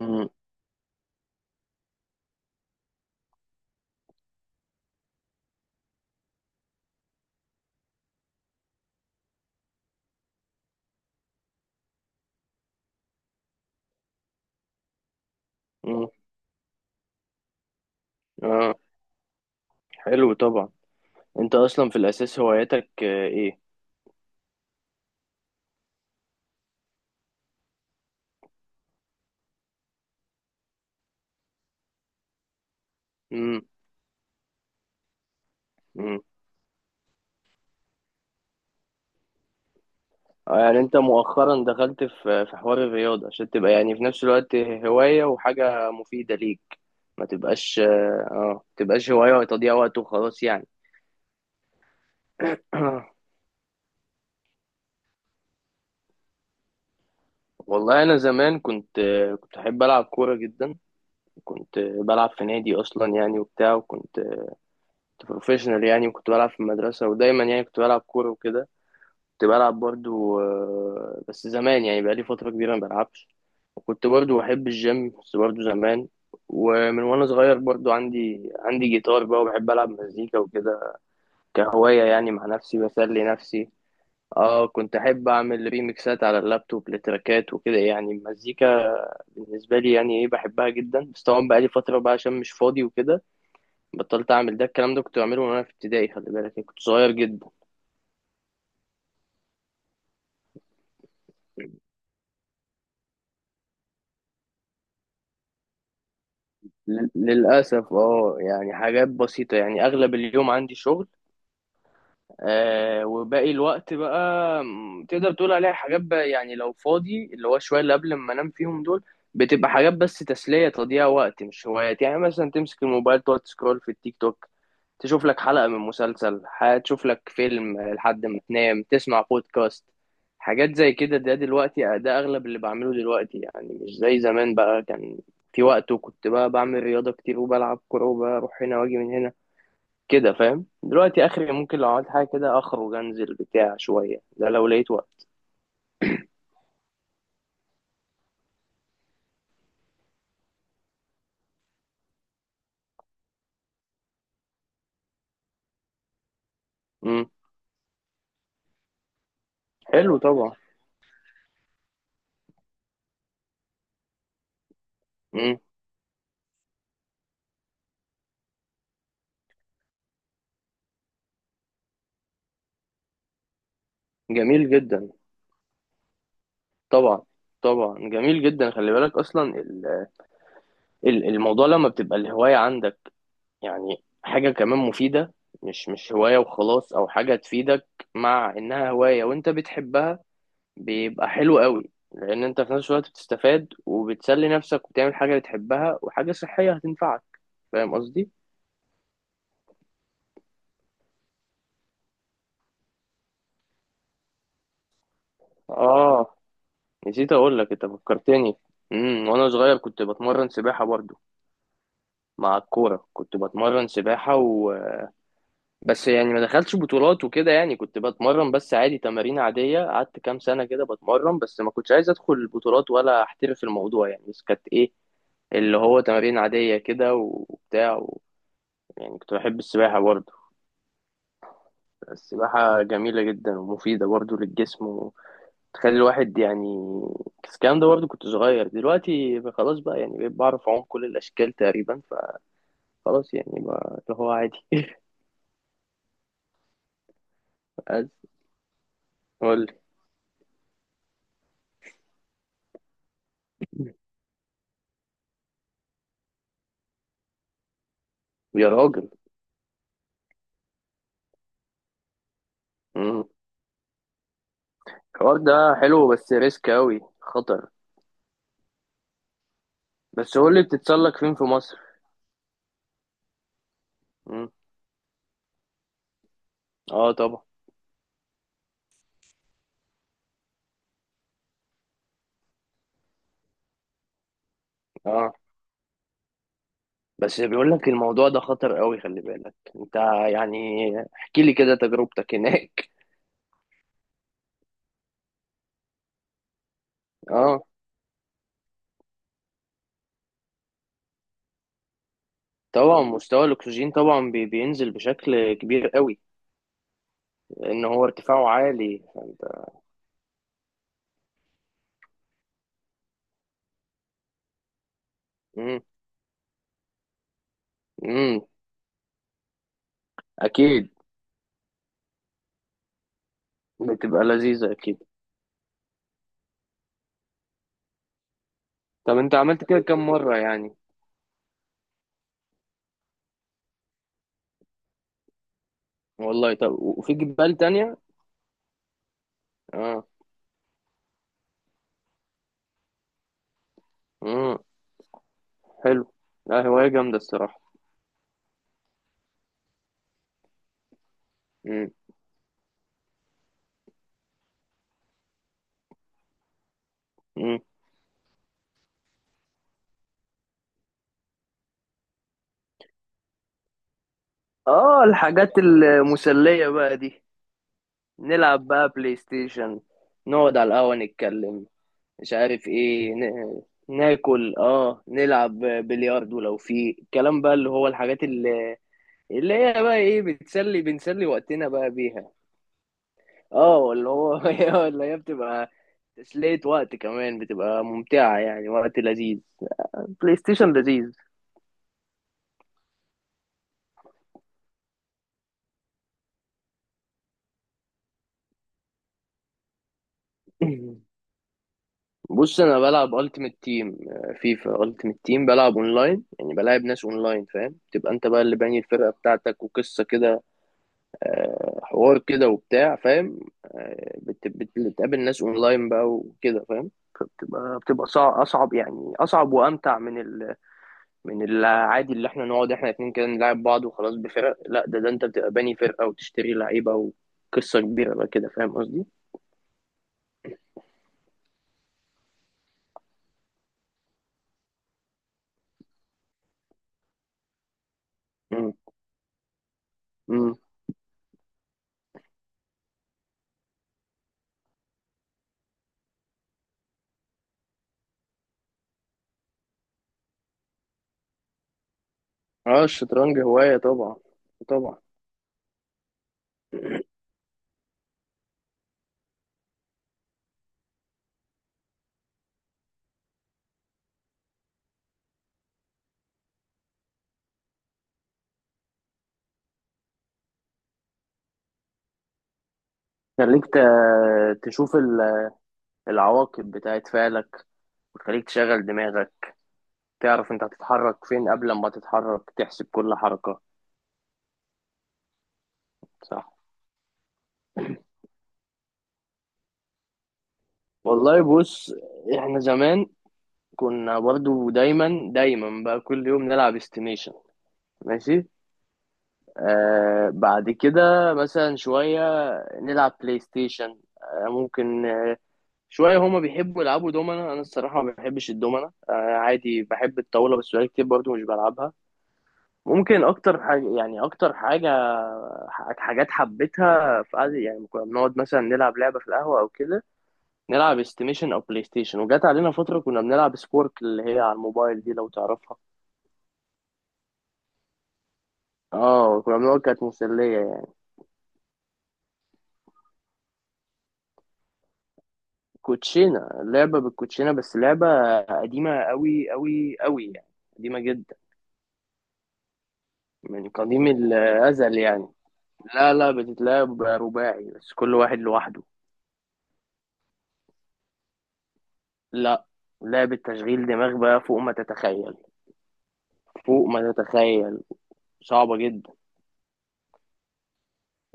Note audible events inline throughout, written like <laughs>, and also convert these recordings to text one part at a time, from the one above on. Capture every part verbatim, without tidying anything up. مم. مم. اه، حلو طبعا. انت اصلا في الاساس هواياتك آه، ايه؟ مم. مم. آه، يعني انت مؤخرا دخلت في في حوار الرياضة عشان تبقى يعني في نفس الوقت هواية وحاجة مفيدة ليك. ما تبقاش اه آه، تبقاش هواية وتضييع وقت وخلاص يعني. <clears throat> والله انا زمان كنت آه، كنت احب العب كورة جدا. كنت آه، بلعب في نادي اصلا يعني وبتاع، وكنت بروفيشنال يعني، وكنت بلعب في المدرسة ودايما يعني كنت بلعب كورة وكده. كنت بلعب برضو آه، بس زمان يعني بقالي فترة كبيرة ما بلعبش. وكنت برضو بحب الجيم بس برضو زمان. ومن وانا صغير برضو عندي عندي جيتار بقى وبحب العب مزيكا وكده كهواية يعني مع نفسي بسلي نفسي. اه، كنت احب اعمل ريميكسات على اللابتوب لتراكات وكده، يعني المزيكا بالنسبة لي يعني ايه بحبها جدا، بس طبعا بقالي فترة بقى عشان مش فاضي وكده بطلت اعمل ده. الكلام ده كنت بعمله وانا في ابتدائي، خلي بالك يعني كنت صغير جدا. للأسف اه، يعني حاجات بسيطة، يعني أغلب اليوم عندي شغل. آه وباقي الوقت بقى م، تقدر تقول عليها حاجات بقى، يعني لو فاضي اللي هو شوية اللي قبل ما انام فيهم دول بتبقى حاجات بس تسلية تضييع وقت، مش هوايات. يعني مثلا تمسك الموبايل تقعد تسكرول في التيك توك، تشوف لك حلقة من مسلسل، ح- تشوف لك فيلم لحد ما تنام، تسمع بودكاست، حاجات زي كده. ده دلوقتي ده أغلب اللي بعمله دلوقتي، يعني مش زي زمان بقى كان في وقت وكنت بقى بعمل رياضة كتير وبلعب كورة وبروح هنا واجي من هنا كده فاهم. دلوقتي اخري ممكن لو عملت حاجه كده اخرج انزل بتاع شويه ده لو لقيت وقت. امم. حلو طبعا. امم. جميل جدا. طبعا. طبعا جميل جدا. خلي بالك اصلا ال- ال- الموضوع لما بتبقى الهوايه عندك يعني حاجه كمان مفيده، مش مش هوايه وخلاص او حاجه تفيدك. مع انها هوايه وانت بتحبها بيبقى حلو قوي، لان انت في نفس الوقت بتستفاد وبتسلي نفسك وبتعمل حاجه بتحبها وحاجه صحيه هتنفعك. فاهم قصدي؟ اه، نسيت اقول لك انت فكرتني. امم، وانا صغير كنت بتمرن سباحه برضو مع الكوره. كنت بتمرن سباحه و... بس يعني ما دخلتش بطولات وكده، يعني كنت بتمرن بس عادي، تمارين عاديه قعدت كام سنه كده بتمرن، بس ما كنتش عايز ادخل بطولات ولا احترف الموضوع يعني. بس كانت ايه اللي هو تمارين عاديه كده وبتاع و... يعني كنت بحب السباحه برضو. السباحه جميله جدا ومفيده برضو للجسم، تخلي الواحد يعني. بس الكلام ده برضه كنت صغير. دلوقتي خلاص بقى يعني بقيت بعرف أعوم كل الأشكال تقريبا، فخلاص يعني بقى اللي هو عادي. <laughs> بس قول لي. يا راجل. مم. الحوار ده حلو بس ريسك أوي خطر. بس قول لي بتتسلق فين في مصر؟ مم. اه طبعا. اه، بس بيقول لك الموضوع ده خطر أوي خلي بالك انت يعني. احكي لي كده تجربتك هناك. اه طبعا، مستوى الاكسجين طبعا بي- بينزل بشكل كبير قوي لان هو ارتفاعه عالي. مم. مم. اكيد. بتبقى لذيذة اكيد. طب انت عملت كده كم مرة يعني؟ والله طب وفي جبال تانية؟ اه. مم. حلو. لا هواية جامدة الصراحة. مم. مم. اه، الحاجات المسلية بقى دي. نلعب بقى بلاي ستيشن، نقعد على القهوة نتكلم، مش عارف ايه ن... ناكل، اه نلعب بلياردو لو في الكلام بقى اللي هو الحاجات اللي اللي هي بقى ايه بتسلي بنسلي وقتنا بقى بيها. اه اللي هو <laughs> اللي هي بتبقى تسلية وقت كمان بتبقى ممتعة يعني وقت لذيذ. بلاي ستيشن لذيذ. <laughs> <clears throat> بص انا بلعب التيمت تيم، فيفا التيمت تيم، بلعب اونلاين يعني بلعب ناس اونلاين فاهم، تبقى انت بقى اللي باني الفرقة بتاعتك وقصة كده، آه، حوار كده وبتاع فاهم، آه، بت- بت- بتقابل ناس اونلاين بقى وكده فاهم. فبتبقى بتبقى صع- اصعب يعني اصعب وامتع من من العادي اللي احنا نقعد احنا اتنين كده نلعب بعض وخلاص بفرق. لا ده ده انت بتبقى باني فرقة وتشتري لعيبة وقصة كبيرة بقى كده فاهم قصدي؟ مم. مم. اه، الشطرنج هواية طبعا. طبعا. خليك ت- تشوف ال- العواقب بتاعت فعلك وتخليك تشغل دماغك. تعرف انت هتتحرك فين قبل ما تتحرك، تحسب كل حركة. صح. والله بص، احنا زمان كنا برضو دايما دايما بقى كل يوم نلعب استيميشن. ماشي. آه بعد كده مثلا شوية نلعب بلاي ستيشن، آه ممكن آه شوية هما بيحبوا يلعبوا دومنا. أنا الصراحة ما بحبش الدومنا، آه عادي بحب الطاولة بس بقالي كتير برضو مش بلعبها. ممكن أكتر حاجة يعني أكتر حاجة ح- حاجات حبيتها في قعدة، يعني كنا بنقعد مثلا نلعب لعبة في القهوة أو كده، نلعب استيميشن أو بلاي ستيشن. وجات علينا فترة كنا بنلعب سبورك اللي هي على الموبايل دي لو تعرفها. اه كنا بنقعد كانت مسلية يعني. كوتشينة، لعبة بالكوتشينة بس لعبة قديمة قوي قوي قوي يعني، قديمة جدا، من قديم الأزل يعني. لا لا، بتتلعب رباعي بس كل واحد لوحده. لا، لعبة تشغيل دماغ بقى فوق ما تتخيل، فوق ما تتخيل، صعبة جدا.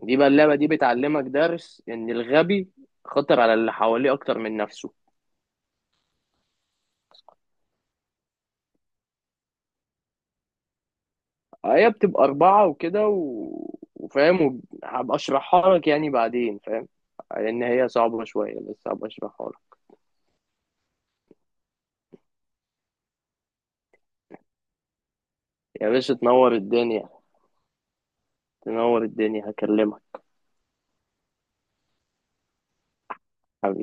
دي بقى اللعبة دي بتعلمك درس إن الغبي خطر على اللي حواليه أكتر من نفسه. هي بتبقى أربعة وكده و... وفاهم، وهبقى أشرحها لك يعني بعدين فاهم، لأن هي صعبة شوية بس هبقى أشرحها لك. يا باشا تنور الدنيا. تنور الدنيا، هكلمك. حبيبي.